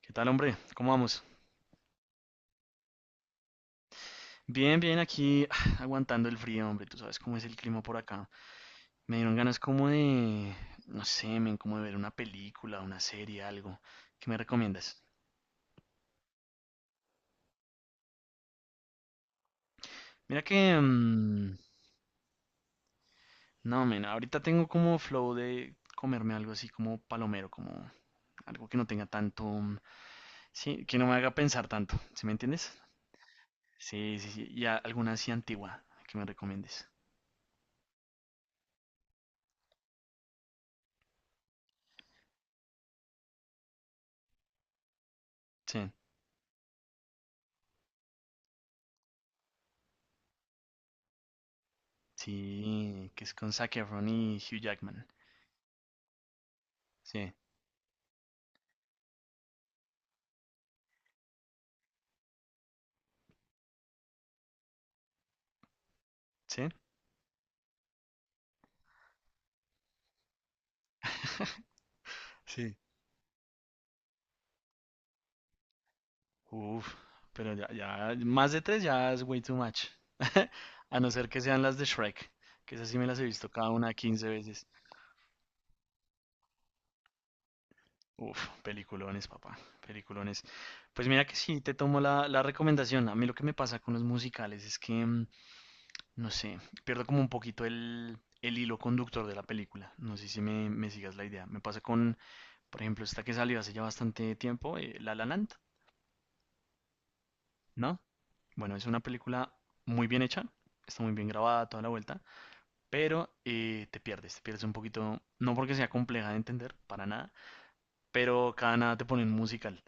¿Qué tal, hombre? ¿Cómo vamos? Bien, bien, aquí aguantando el frío, hombre. Tú sabes cómo es el clima por acá. Me dieron ganas como de, no sé, men, como de ver una película, una serie, algo. ¿Qué me recomiendas? Mira que, no, men, ahorita tengo como flow de comerme algo así como palomero, como algo que no tenga tanto, sí, que no me haga pensar tanto, ¿sí me entiendes? Sí, sí, sí. Y alguna así antigua que me recomiendes. Sí, sí, que es con Zac Efron y Hugh Jackman. Sí, sí. Sí, uff, pero ya, ya, más de tres ya es way too much. A no ser que sean las de Shrek, que esas sí me las he visto cada una 15 veces. Uf, peliculones, papá, peliculones. Pues mira que sí, te tomo la recomendación. A mí lo que me pasa con los musicales es que, no sé, pierdo como un poquito el hilo conductor de la película. No sé si me sigas la idea. Me pasa con, por ejemplo, esta que salió hace ya bastante tiempo, La La Land, ¿no? Bueno, es una película muy bien hecha, está muy bien grabada toda la vuelta, pero te pierdes un poquito, no porque sea compleja de entender, para nada, pero cada nada te ponen musical.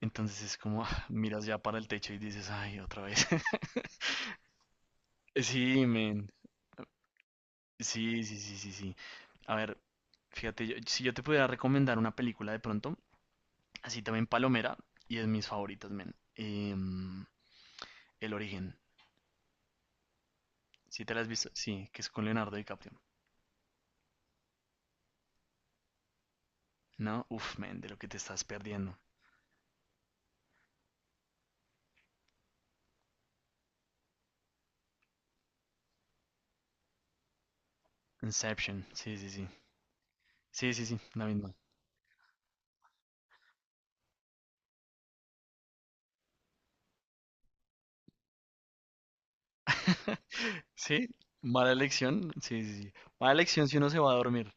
Entonces es como, ah, miras ya para el techo y dices, ay, otra vez. Sí, men. Sí, sí, sí, sí, sí. A ver, fíjate, si yo te pudiera recomendar una película de pronto, así también palomera, y es mis favoritas, men. El origen. ¿Sí te la has visto? Sí, que es con Leonardo DiCaprio. No, uff, men, de lo que te estás perdiendo. Inception, sí, sí, sí. Sí, sí, sí, la misma. Sí, mala elección, sí, sí, sí. Mala elección si uno se va a dormir.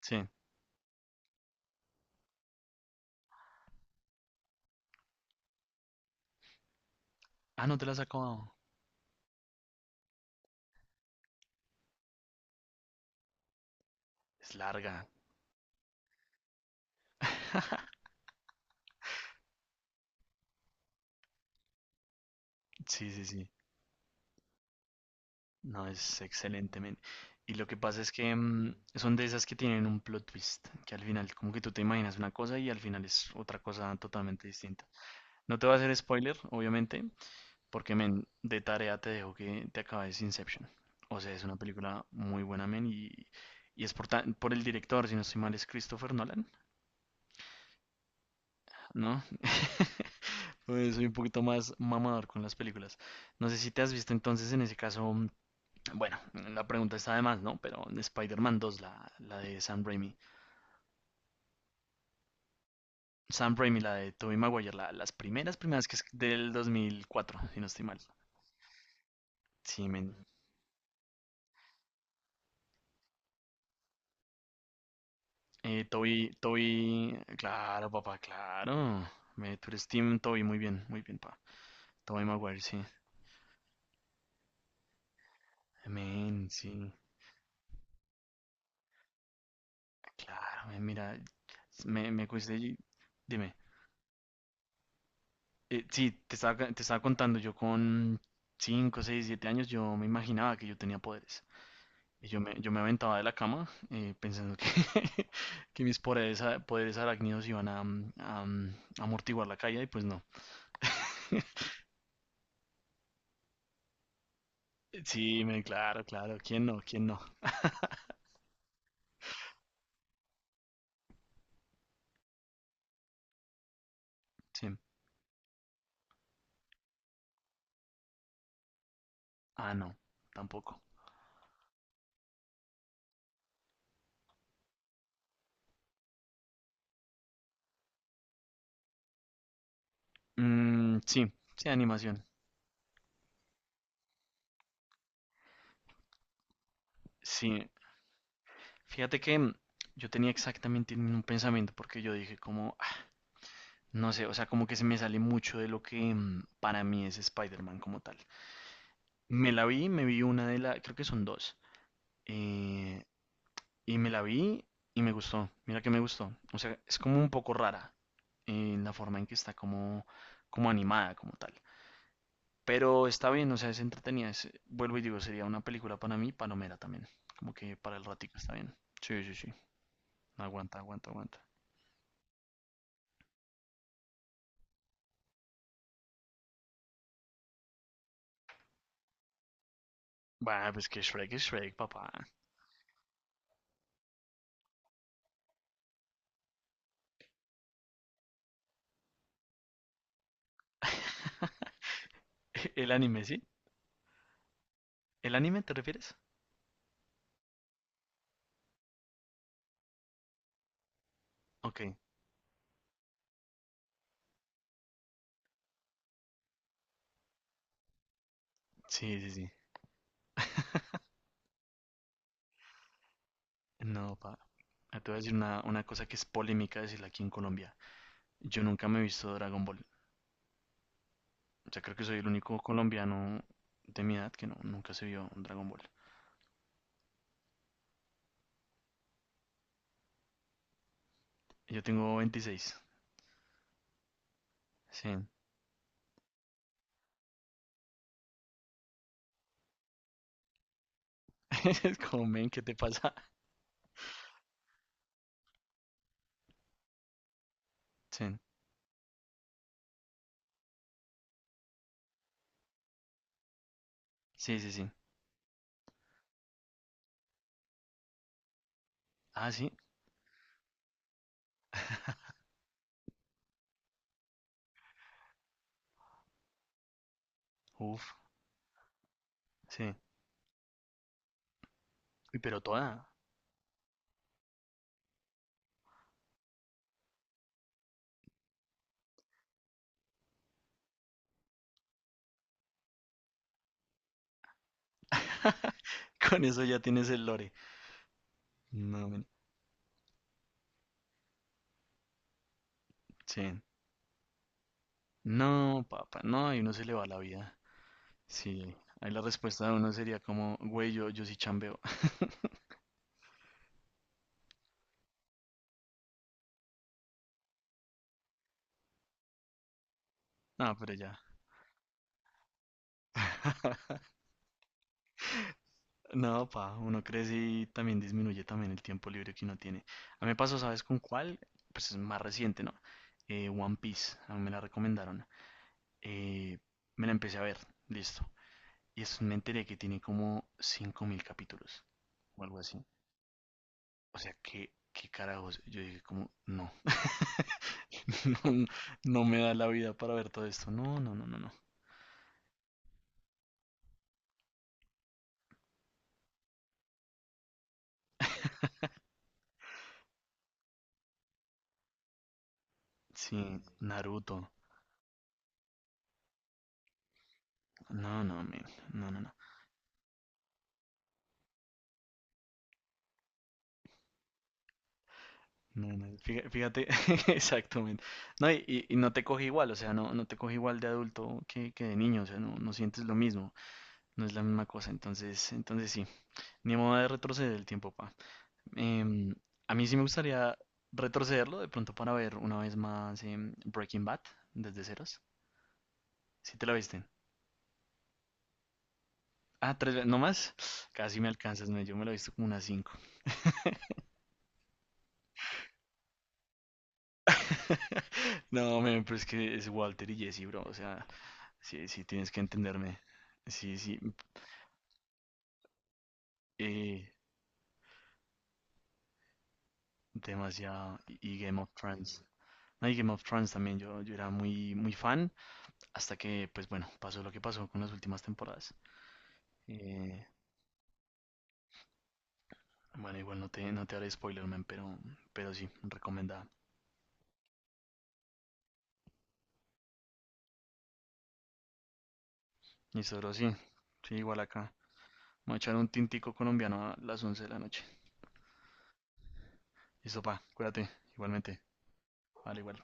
Sí. Ah, no te la has acabado. Es larga. Sí, sí, sí. No, es excelente, men. Y lo que pasa es que son de esas que tienen un plot twist, que al final, como que tú te imaginas una cosa y al final es otra cosa totalmente distinta. No te voy a hacer spoiler, obviamente, porque, men, de tarea te dejo que te acabes Inception. O sea, es una película muy buena, men, y es por el director, si no estoy mal, es Christopher Nolan, ¿no? Pues soy un poquito más mamador con las películas. No sé si te has visto entonces en ese caso, bueno, la pregunta está de más, ¿no? Pero Spider-Man 2, la de Sam Raimi. Sam Raimi, la de Tobey Maguire, las primeras que es del 2004, si no estoy mal. Sí, men. Toby, Toby, claro, papá, claro. Tú eres Team Toby, muy bien, papá. Toby Maguire, sí. Men, sí. Claro, men, mira, me cuesta. Dime. Sí, te estaba contando, yo con 5, 6, 7 años, yo me imaginaba que yo tenía poderes. Y yo me aventaba de la cama pensando que, que mis poderes, poderes arácnidos iban a amortiguar la caída y pues no. Sí, claro, claro. ¿Quién no? ¿Quién no? Sí. Ah, no, tampoco. Mm, sí, sí, animación. Sí. Fíjate que yo tenía exactamente el mismo pensamiento porque yo dije como, "Ah, no sé, o sea, como que se me sale mucho de lo que para mí es Spider-Man como tal. Me vi una de las, creo que son dos. eh, y me la vi y me gustó. Mira que me gustó. O sea, es como un poco rara la forma en que está como animada como tal. Pero está bien, o sea, es entretenida. Vuelvo y digo, sería una película para mí, palomera también. Como que para el ratico está bien. Sí, sí, sí. Aguanta, aguanta, aguanta. Bah, pues que Shrek es Shrek, papá. El anime, ¿sí? ¿El anime te refieres? Ok. Sí, sí, sí. No, pa. Te voy a decir una cosa que es polémica decirla aquí en Colombia. Yo nunca me he visto Dragon Ball. O sea, creo que soy el único colombiano de mi edad que no, nunca se vio Dragon Ball. Yo tengo 26. Sí. Es como, men, ¿qué te pasa? Sí, sí, sí. Sí. Ah, sí. Uf, sí. Uy, pero toda. Con eso ya tienes el lore. No, men. Sí. No, papá, no, ahí uno se le va la vida. Sí, ahí la respuesta de uno sería como, güey, yo sí chambeo. No, pero ya. No, pa, uno crece y también disminuye también el tiempo libre que uno tiene. A mí me pasó, ¿sabes con cuál? Pues es más reciente, ¿no? One Piece, a mí me la recomendaron. eh, Me la empecé a ver, listo. Me enteré que tiene como 5000 capítulos o algo así. O sea, que qué carajos. Yo dije como, no. No, no me da la vida para ver todo esto. No, no, no, no, no. Sí, Naruto. No, no, men, no, no, no. No, no, fíjate, fíjate, exactamente. No, y no te coge igual, o sea, no, no te coge igual de adulto que de niño, o sea, no, no sientes lo mismo, no es la misma cosa, entonces sí, ni modo de retroceder el tiempo, pa. Em, a mí sí me gustaría retrocederlo de pronto para ver una vez más Breaking Bad desde ceros. Si te la viste. Ah, tres veces, no más. Casi me alcanzas, no, yo me la he visto como unas cinco. No, men, pero es que es Walter y Jesse, bro. O sea, sí, sí, tienes que entenderme. Sí, sí. Eh, Demasiado. Y Game of Thrones. No, y Game of Thrones también. Yo era muy, muy fan. Hasta que, pues bueno, pasó lo que pasó con las últimas temporadas. Eh, Bueno, igual no te haré spoiler, man, pero sí, recomendada. Y solo sí. Sí, igual acá. Vamos a echar un tintico colombiano a las 11 de la noche. Listo, pa, cuídate, igualmente. Vale, igual.